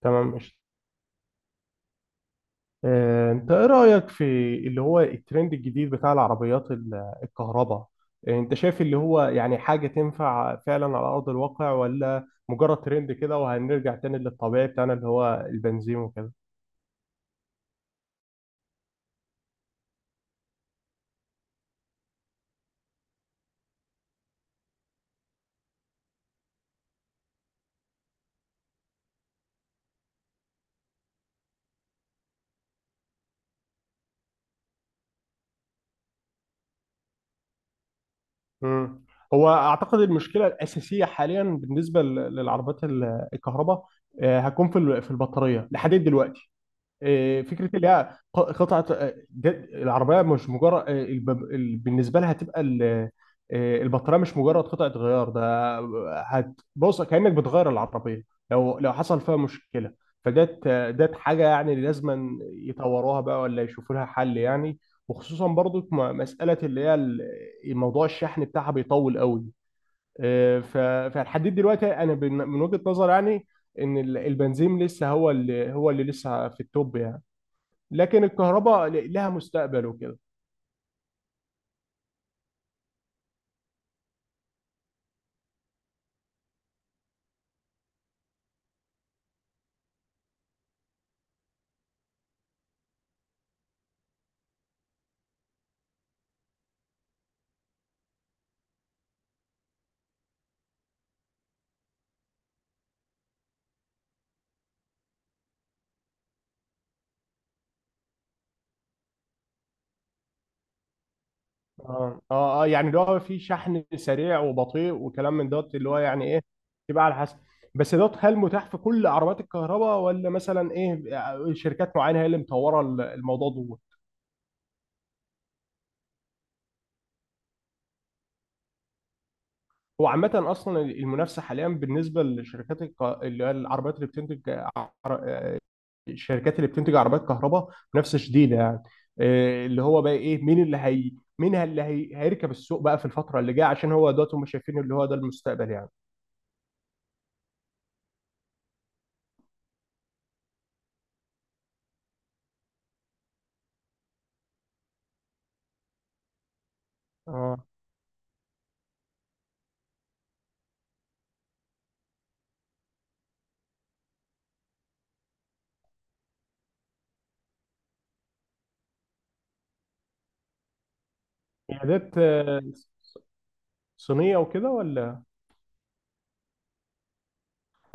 تمام، ماشي. انت ايه رأيك في اللي هو الترند الجديد بتاع العربيات الكهرباء؟ انت شايف اللي هو يعني حاجة تنفع فعلا على أرض الواقع، ولا مجرد ترند كده وهنرجع تاني للطبيعي بتاعنا اللي هو البنزين وكده؟ مم. هو اعتقد المشكلة الأساسية حاليا بالنسبة للعربيات الكهرباء هتكون في البطارية لحد دلوقتي. فكره اللي هي قطعه، العربيه مش مجرد بالنسبه لها هتبقى البطاريه مش مجرد قطعه غيار ده. هتبص كانك بتغير العربيه لو حصل فيها مشكله. فدت دت حاجه يعني لازم يطوروها بقى ولا يشوفوا لها حل يعني. وخصوصا برضو مساله اللي هي موضوع الشحن بتاعها بيطول قوي. آه، ف- فلحد دلوقتي انا من وجهه نظر يعني ان البنزين لسه هو اللي لسه في التوب يعني. لكن الكهرباء لها مستقبل وكده. اه، اه، يعني اللي هو في شحن سريع وبطيء وكلام من دوت اللي هو يعني ايه، تبقى على حسب. بس دوت هل متاح في كل عربيات الكهرباء ولا مثلا ايه؟ شركات معينه هي اللي مطوره الموضوع دوت؟ هو عامة أصلا المنافسة حاليا بالنسبة لشركات اللي هي العربيات اللي بتنتج، الشركات اللي بتنتج عربيات كهرباء، منافسه شديده يعني. إيه اللي هو بقى ايه مين اللي هي، مين اللي هي هيركب السوق بقى في الفتره اللي جايه، عشان هو دلوقتي هم شايفين اللي هو ده المستقبل يعني. اه. قيادات صينيه وكده ولا؟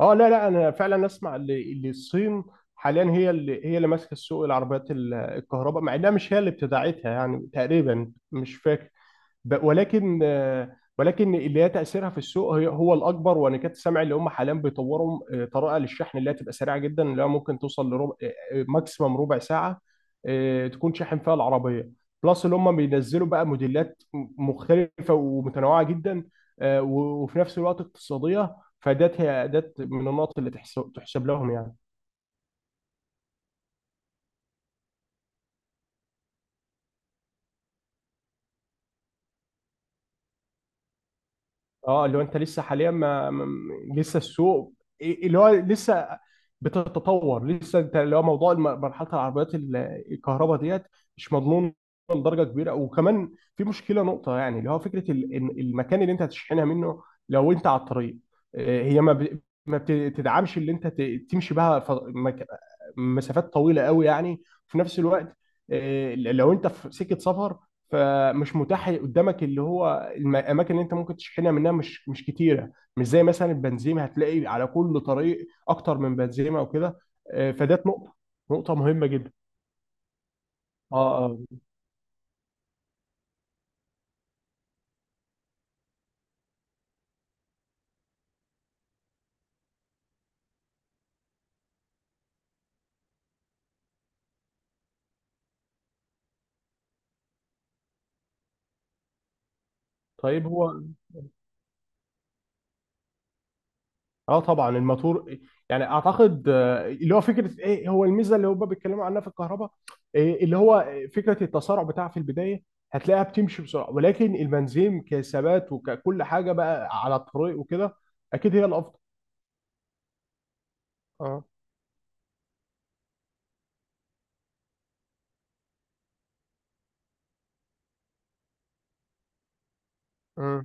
اه. لا، لا، انا فعلا اسمع اللي الصين حاليا هي اللي هي اللي ماسكه السوق العربيات الكهرباء، مع انها مش هي اللي ابتدعتها يعني تقريبا مش فاكر. ولكن ولكن اللي هي تاثيرها في السوق هو الاكبر، وانا كنت سامع اللي هم حاليا بيطوروا طريقه للشحن اللي هي تبقى سريعه جدا، اللي هي ممكن توصل لربع، ماكسيمم ربع ساعه، تكون شاحن فيها العربيه. بلس اللي هم بينزلوا بقى موديلات مختلفه ومتنوعه جدا، وفي نفس الوقت اقتصاديه. فدات هي دات من النقط اللي تحسب لهم يعني. اه، اللي هو انت لسه حاليا لسه السوق اللي هو لسه بتتطور، لسه انت اللي هو موضوع مرحله العربيات الكهرباء ديت مش مضمون لدرجه كبيره. وكمان في مشكله نقطه يعني، اللي هو فكره إن المكان اللي انت هتشحنها منه لو انت على الطريق، هي ما بتدعمش اللي انت تمشي بها مسافات طويله قوي يعني. في نفس الوقت لو انت في سكه سفر فمش متاح قدامك اللي هو الاماكن اللي انت ممكن تشحنها منها مش كتيره، مش زي مثلا البنزيمه هتلاقي على كل طريق اكتر من بنزيمه او كده. فدات نقطه، نقطه مهمه جدا. اه، اه. طيب هو. اه طبعا الماتور. يعني اعتقد اللي هو فكره ايه هو الميزه اللي هم بيتكلموا عنها في الكهرباء، إيه اللي هو فكره التسارع بتاعها في البدايه هتلاقيها بتمشي بسرعه. ولكن البنزين كثبات وككل حاجه بقى على الطريق وكده اكيد هي الافضل. اه،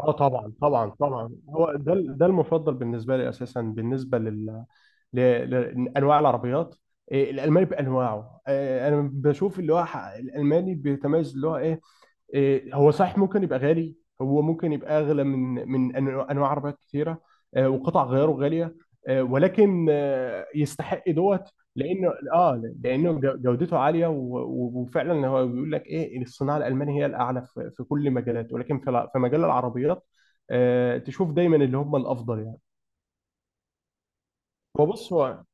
اه، طبعا، طبعا، طبعا. هو ده المفضل بالنسبه لي اساسا بالنسبه لل لانواع العربيات. إيه، الالماني بانواعه، إيه، انا بشوف اللي هو الالماني بيتميز اللي هو ايه. إيه، هو صحيح ممكن يبقى غالي، هو ممكن يبقى اغلى من انواع عربيات كثيره، وقطع غياره غاليه، ولكن يستحق دوت. لانه اه لانه جودته عاليه وفعلا هو بيقول لك ايه إن الصناعه الالمانيه هي الاعلى في كل مجالات. ولكن في في مجال العربيات تشوف دايما اللي هم الافضل يعني. هو بص هو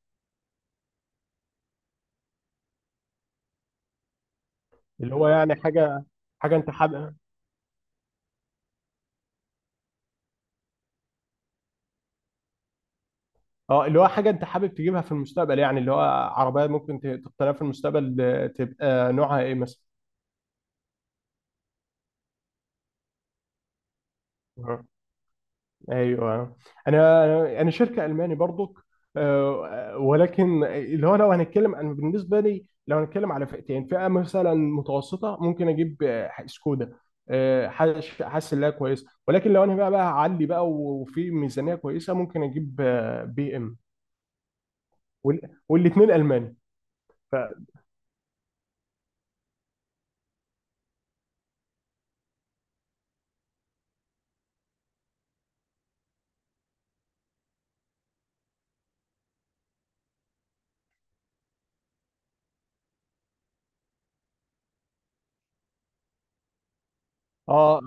اللي هو يعني حاجه، حاجه انت حابب. اه، اللي هو حاجه انت حابب تجيبها في المستقبل يعني، اللي هو عربيه ممكن تقتنيها في المستقبل، تبقى نوعها ايه مثلا؟ مم. ايوه. انا انا أنا شركه الماني برضك، ولكن اللي هو لو هنتكلم انا بالنسبه لي لو هنتكلم على فئتين، فئه مثلا متوسطه ممكن اجيب سكودا، حاسس انها كويسه. ولكن لو انا بقى هعلي بقى وفي ميزانيه كويسه ممكن اجيب بي ام، والاثنين الماني. ف، اه.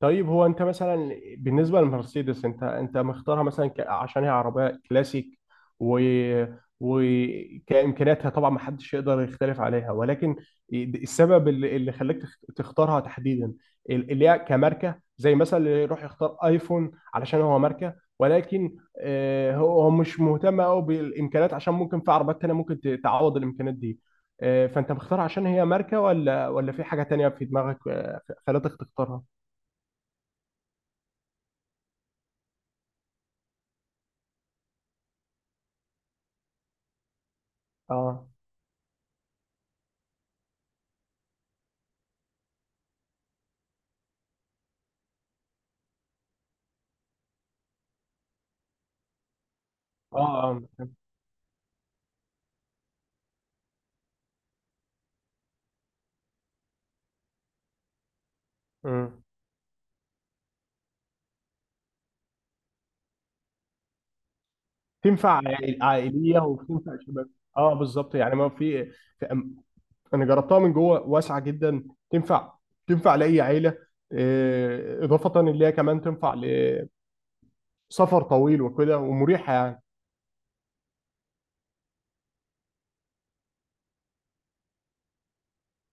طيب هو انت مثلا بالنسبه للمرسيدس انت مختارها مثلا عشان هي عربيه كلاسيك، و وكامكانياتها طبعا ما حدش يقدر يختلف عليها. ولكن السبب اللي خلاك تختارها تحديدا، اللي هي كماركه، زي مثلا اللي يروح يختار ايفون علشان هو ماركه، ولكن هو هو مش مهتم قوي بالامكانيات عشان ممكن في عربيات تانيه ممكن تعوض الامكانيات دي. فانت مختارها عشان هي ماركه ولا في حاجه تانيه في دماغك خلتك تختارها؟ اه، اه، اه. أمم. تنفع عائليه وبتنفع شباب. اه، بالظبط. يعني ما في في- أم- انا جربتها من جوه واسعه جدا، تنفع، تنفع لاي عيله، اضافه ان هي كمان تنفع لسفر طويل وكده ومريحه يعني.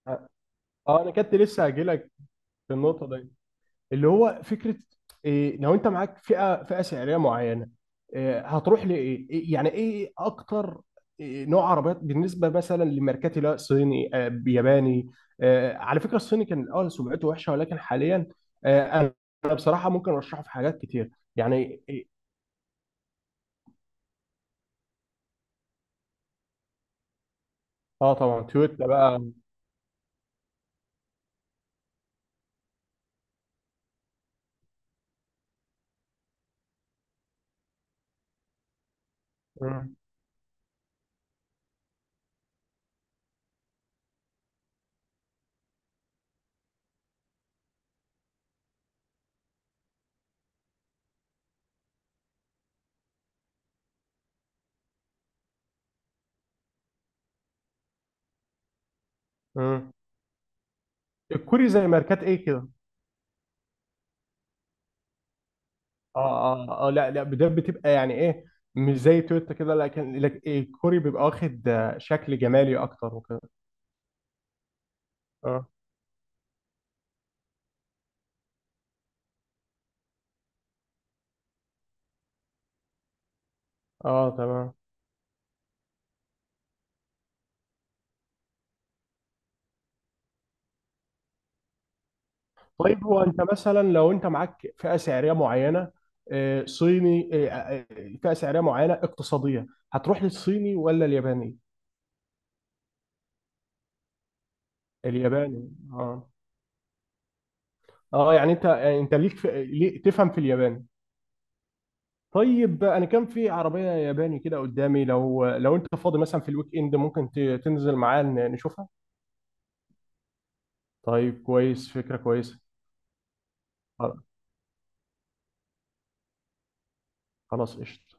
اه، انا كنت لسه هاجي لك في النقطه دي، اللي هو فكره إيه لو انت معاك فئه، فئه سعريه معينه، إيه هتروح لايه؟ يعني ايه اكتر، إيه نوع عربيات بالنسبه مثلا لماركات اللي هو صيني، ياباني؟ على فكره الصيني كان الاول سمعته وحشه ولكن حاليا آه، انا أنا بصراحه ممكن ارشحه في حاجات كتير. يعني إيه؟ اه، طبعا تويوتا بقى. مم. مم. الكوري زي ماركات ايه كده؟ اه، اه، اه، لا، لا، ده بتبقى يعني ايه، مش زي تويوتا كده. لكن الكوري بيبقى واخد شكل جمالي اكتر وكده. اه، اه، تمام. طيب هو انت مثلا لو انت معاك فئه سعريه معينه، صيني فئه سعريه معينه اقتصاديه، هتروح للصيني ولا الياباني؟ الياباني. اه، اه. يعني انت، يعني انت ليك في ليه تفهم في الياباني. طيب انا كان في عربيه ياباني كده قدامي، لو انت فاضي مثلا في الويك اند ممكن تنزل معايا نشوفها؟ طيب كويس، فكره كويسه. خلاص قشطه.